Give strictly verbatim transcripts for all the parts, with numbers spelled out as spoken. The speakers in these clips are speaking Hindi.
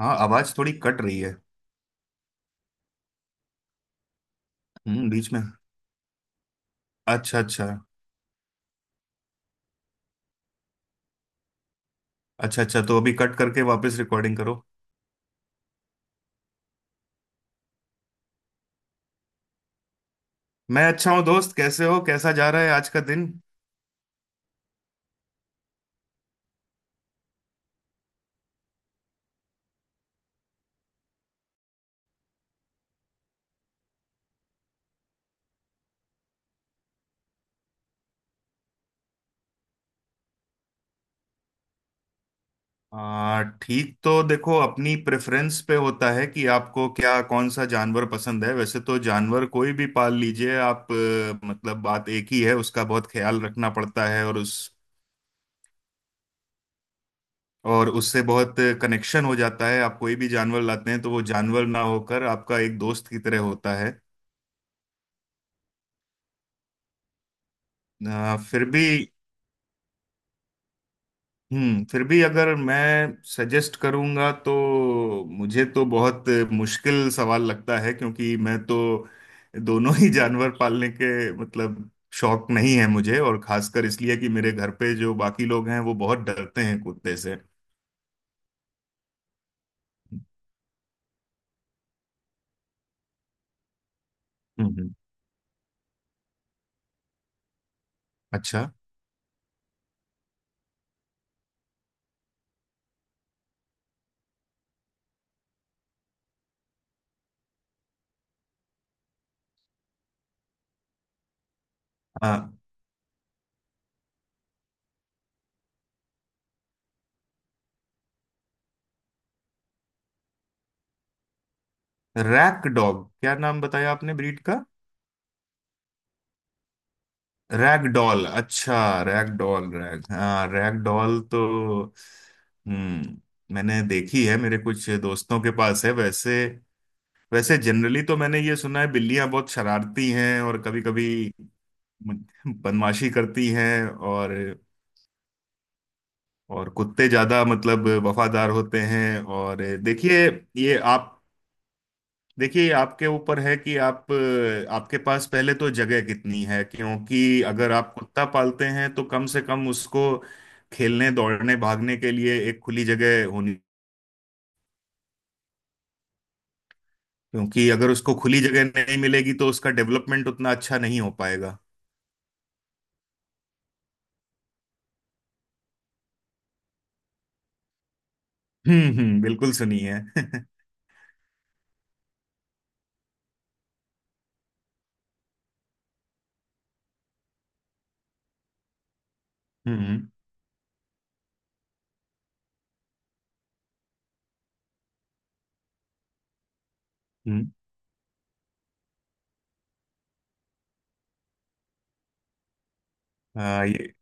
हाँ, आवाज थोड़ी कट रही है। हम्म, बीच में। अच्छा अच्छा। अच्छा अच्छा, तो अभी कट करके वापस रिकॉर्डिंग करो। मैं अच्छा हूँ दोस्त, कैसे हो? कैसा जा रहा है आज का दिन? आ, ठीक। तो देखो, अपनी प्रेफरेंस पे होता है कि आपको क्या कौन सा जानवर पसंद है। वैसे तो जानवर कोई भी पाल लीजिए आप। अ, मतलब बात एक ही है, उसका बहुत ख्याल रखना पड़ता है। और उस और उससे बहुत कनेक्शन हो जाता है। आप कोई भी जानवर लाते हैं तो वो जानवर ना होकर आपका एक दोस्त की तरह होता है। अ, फिर भी हम्म फिर भी, अगर मैं सजेस्ट करूंगा तो मुझे तो बहुत मुश्किल सवाल लगता है, क्योंकि मैं तो दोनों ही जानवर पालने के मतलब शौक नहीं है मुझे। और खासकर इसलिए कि मेरे घर पे जो बाकी लोग हैं वो बहुत डरते हैं कुत्ते से। हम्म। अच्छा। Rack dog? क्या नाम बताया आपने ब्रीड का? रैगडॉल? अच्छा। रैगडॉल, रैग हाँ, रैगडॉल तो। हम्म। मैंने देखी है, मेरे कुछ दोस्तों के पास है वैसे। वैसे जनरली तो मैंने ये सुना है बिल्लियां बहुत शरारती हैं और कभी कभी बदमाशी करती हैं। और और कुत्ते ज्यादा मतलब वफादार होते हैं। और देखिए, ये आप देखिए, आपके ऊपर है कि आप आपके पास पहले तो जगह कितनी है, क्योंकि अगर आप कुत्ता पालते हैं तो कम से कम उसको खेलने दौड़ने भागने के लिए एक खुली जगह होनी। क्योंकि अगर उसको खुली जगह नहीं मिलेगी तो उसका डेवलपमेंट उतना अच्छा नहीं हो पाएगा। हम्म। हम्म बिल्कुल सुनी है हम्म। हम्म। हाँ, ये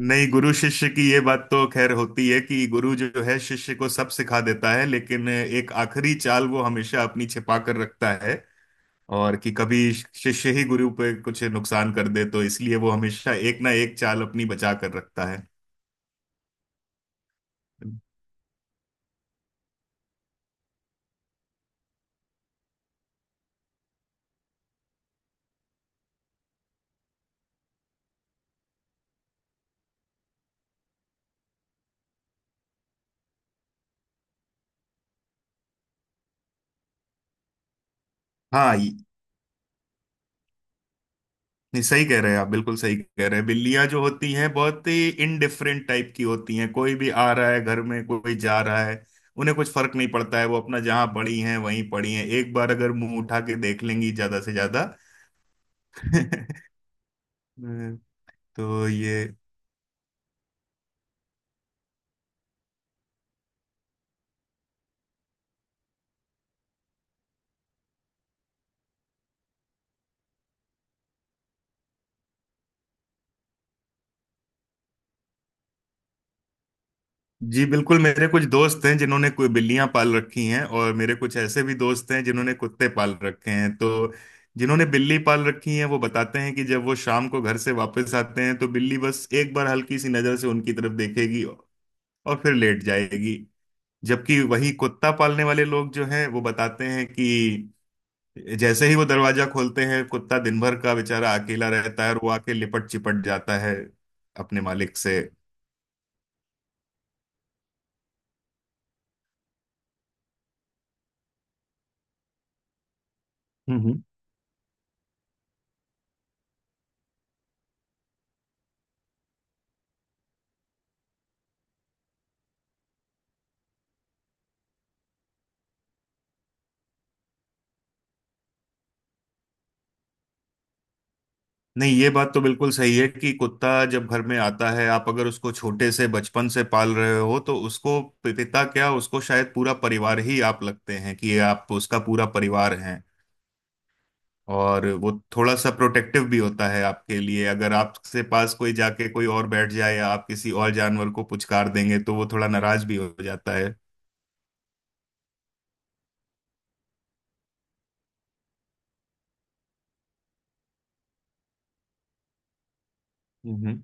नहीं, गुरु शिष्य की ये बात तो खैर होती है कि गुरु जो है शिष्य को सब सिखा देता है, लेकिन एक आखिरी चाल वो हमेशा अपनी छिपा कर रखता है। और कि कभी शिष्य ही गुरु पे कुछ नुकसान कर दे, तो इसलिए वो हमेशा एक ना एक चाल अपनी बचा कर रखता है। हाँ, ये ये सही कह रहे हैं आप, बिल्कुल सही कह रहे हैं। बिल्लियां जो होती हैं बहुत ही इनडिफरेंट टाइप की होती हैं। कोई भी आ रहा है घर में, कोई जा रहा है, उन्हें कुछ फर्क नहीं पड़ता है। वो अपना जहां पड़ी हैं वहीं पड़ी हैं, एक बार अगर मुंह उठा के देख लेंगी ज्यादा से ज्यादा तो ये जी बिल्कुल, मेरे कुछ दोस्त हैं जिन्होंने कोई बिल्लियां पाल रखी हैं, और मेरे कुछ ऐसे भी दोस्त हैं जिन्होंने कुत्ते पाल रखे हैं। तो जिन्होंने बिल्ली पाल रखी है वो बताते हैं कि जब वो शाम को घर से वापस आते हैं तो बिल्ली बस एक बार हल्की सी नजर से उनकी तरफ देखेगी और फिर लेट जाएगी। जबकि वही कुत्ता पालने वाले लोग जो हैं वो बताते हैं कि जैसे ही वो दरवाजा खोलते हैं, कुत्ता दिन भर का बेचारा अकेला रहता है और वो आके लिपट चिपट जाता है अपने मालिक से। नहीं, ये बात तो बिल्कुल सही है कि कुत्ता जब घर में आता है, आप अगर उसको छोटे से बचपन से पाल रहे हो तो उसको पि- पिता क्या, उसको शायद पूरा परिवार ही आप लगते हैं, कि आप उसका पूरा परिवार हैं। और वो थोड़ा सा प्रोटेक्टिव भी होता है आपके लिए, अगर आपके पास कोई जाके कोई और बैठ जाए या आप किसी और जानवर को पुचकार देंगे तो वो थोड़ा नाराज भी हो जाता है। हम्म।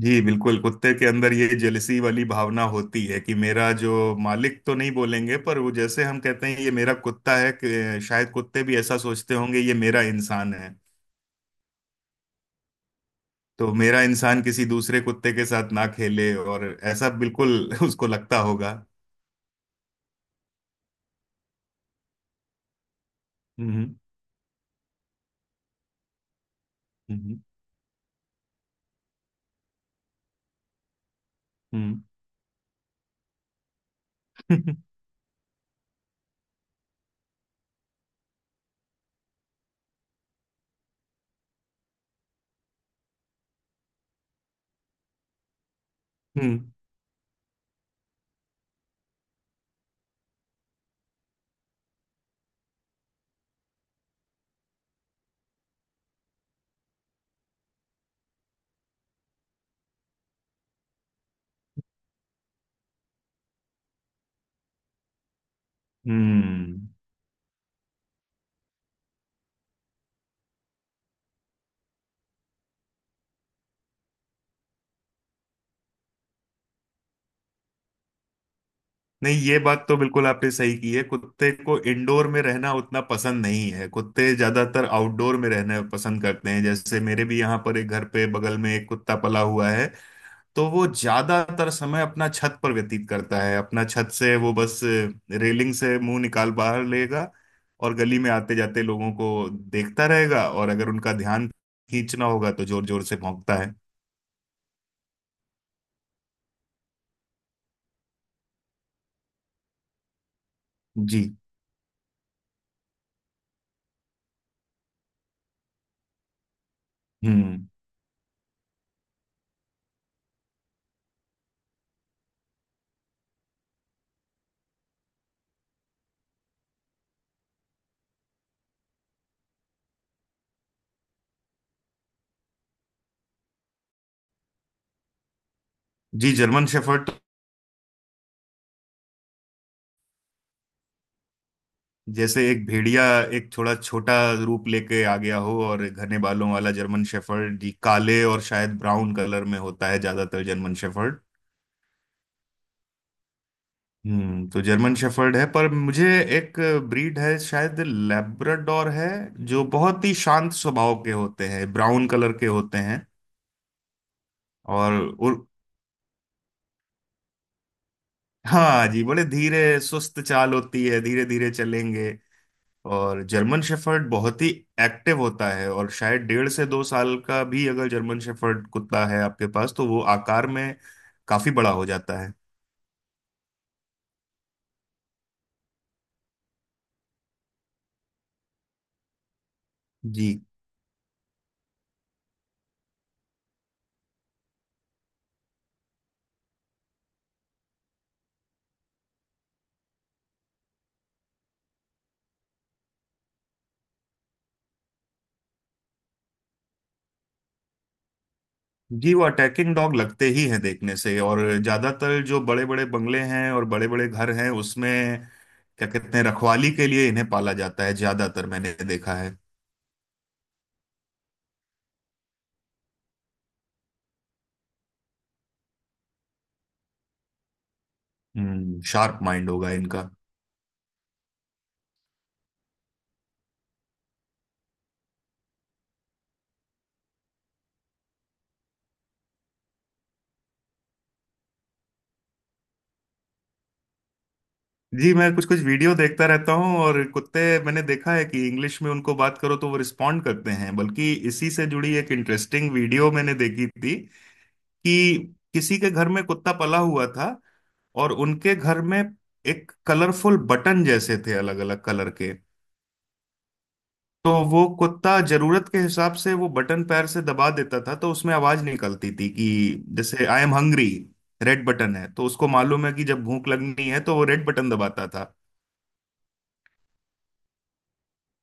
जी बिल्कुल, कुत्ते के अंदर ये जेलसी वाली भावना होती है कि मेरा जो मालिक, तो नहीं बोलेंगे, पर वो, जैसे हम कहते हैं ये मेरा कुत्ता है, कि शायद कुत्ते भी ऐसा सोचते होंगे ये मेरा इंसान है। तो मेरा इंसान किसी दूसरे कुत्ते के साथ ना खेले, और ऐसा बिल्कुल उसको लगता होगा। हम्म। हम्म। हम्म। हम्म हम्म। हम्म। नहीं, ये बात तो बिल्कुल आपने सही की है। कुत्ते को इंडोर में रहना उतना पसंद नहीं है, कुत्ते ज्यादातर आउटडोर में रहना पसंद करते हैं। जैसे मेरे भी यहाँ पर एक घर पे बगल में एक कुत्ता पला हुआ है, तो वो ज्यादातर समय अपना छत पर व्यतीत करता है। अपना छत से वो बस रेलिंग से मुंह निकाल बाहर लेगा और गली में आते जाते लोगों को देखता रहेगा, और अगर उनका ध्यान खींचना होगा तो जोर जोर से भौंकता है। जी। हम्म। जी, जर्मन शेफर्ड जैसे एक भेड़िया, एक थोड़ा छोटा रूप लेके आ गया हो, और घने बालों वाला जर्मन शेफर्ड जी काले और शायद ब्राउन कलर में होता है ज्यादातर जर्मन शेफर्ड। हम्म। तो जर्मन शेफर्ड है, पर मुझे एक ब्रीड है शायद, लैब्राडोर है, जो बहुत ही शांत स्वभाव के होते हैं, ब्राउन कलर के होते हैं। और, और हाँ जी, बड़े धीरे सुस्त चाल होती है, धीरे धीरे चलेंगे। और जर्मन शेफर्ड बहुत ही एक्टिव होता है, और शायद डेढ़ से दो साल का भी अगर जर्मन शेफर्ड कुत्ता है आपके पास तो वो आकार में काफी बड़ा हो जाता है। जी जी, वो अटैकिंग डॉग लगते ही हैं देखने से। और ज्यादातर जो बड़े बड़े बंगले हैं और बड़े बड़े घर हैं उसमें क्या कहते हैं, रखवाली के लिए इन्हें पाला जाता है ज्यादातर, मैंने देखा है। हम्म, शार्प माइंड होगा इनका। जी, मैं कुछ कुछ वीडियो देखता रहता हूँ, और कुत्ते मैंने देखा है कि इंग्लिश में उनको बात करो तो वो रिस्पॉन्ड करते हैं। बल्कि इसी से जुड़ी एक इंटरेस्टिंग वीडियो मैंने देखी थी कि किसी के घर में कुत्ता पला हुआ था, और उनके घर में एक कलरफुल बटन जैसे थे अलग अलग कलर के। तो वो कुत्ता जरूरत के हिसाब से वो बटन पैर से दबा देता था, तो उसमें आवाज निकलती थी कि जैसे I am hungry. Red button है, तो उसको मालूम है कि जब भूख लगनी है तो वो रेड बटन दबाता था।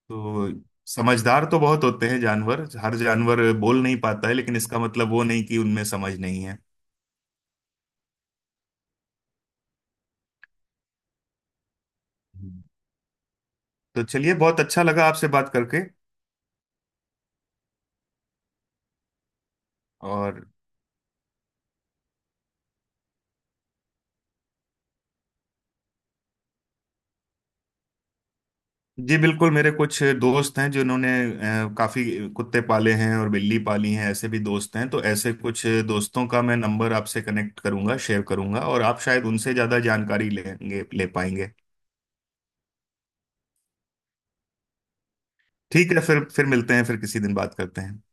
तो समझदार तो बहुत होते हैं जानवर। हर जानवर बोल नहीं पाता है, लेकिन इसका मतलब वो नहीं कि उनमें समझ नहीं है। हम्म। तो चलिए, बहुत अच्छा लगा आपसे बात करके। और जी बिल्कुल, मेरे कुछ दोस्त हैं जिन्होंने अ, काफी कुत्ते पाले हैं और बिल्ली पाली हैं ऐसे भी दोस्त हैं, तो ऐसे कुछ दोस्तों का मैं नंबर आपसे कनेक्ट करूंगा शेयर करूंगा, और आप शायद उनसे ज्यादा जानकारी लेंगे ले पाएंगे। ठीक है, फिर फिर मिलते हैं, फिर किसी दिन बात करते हैं।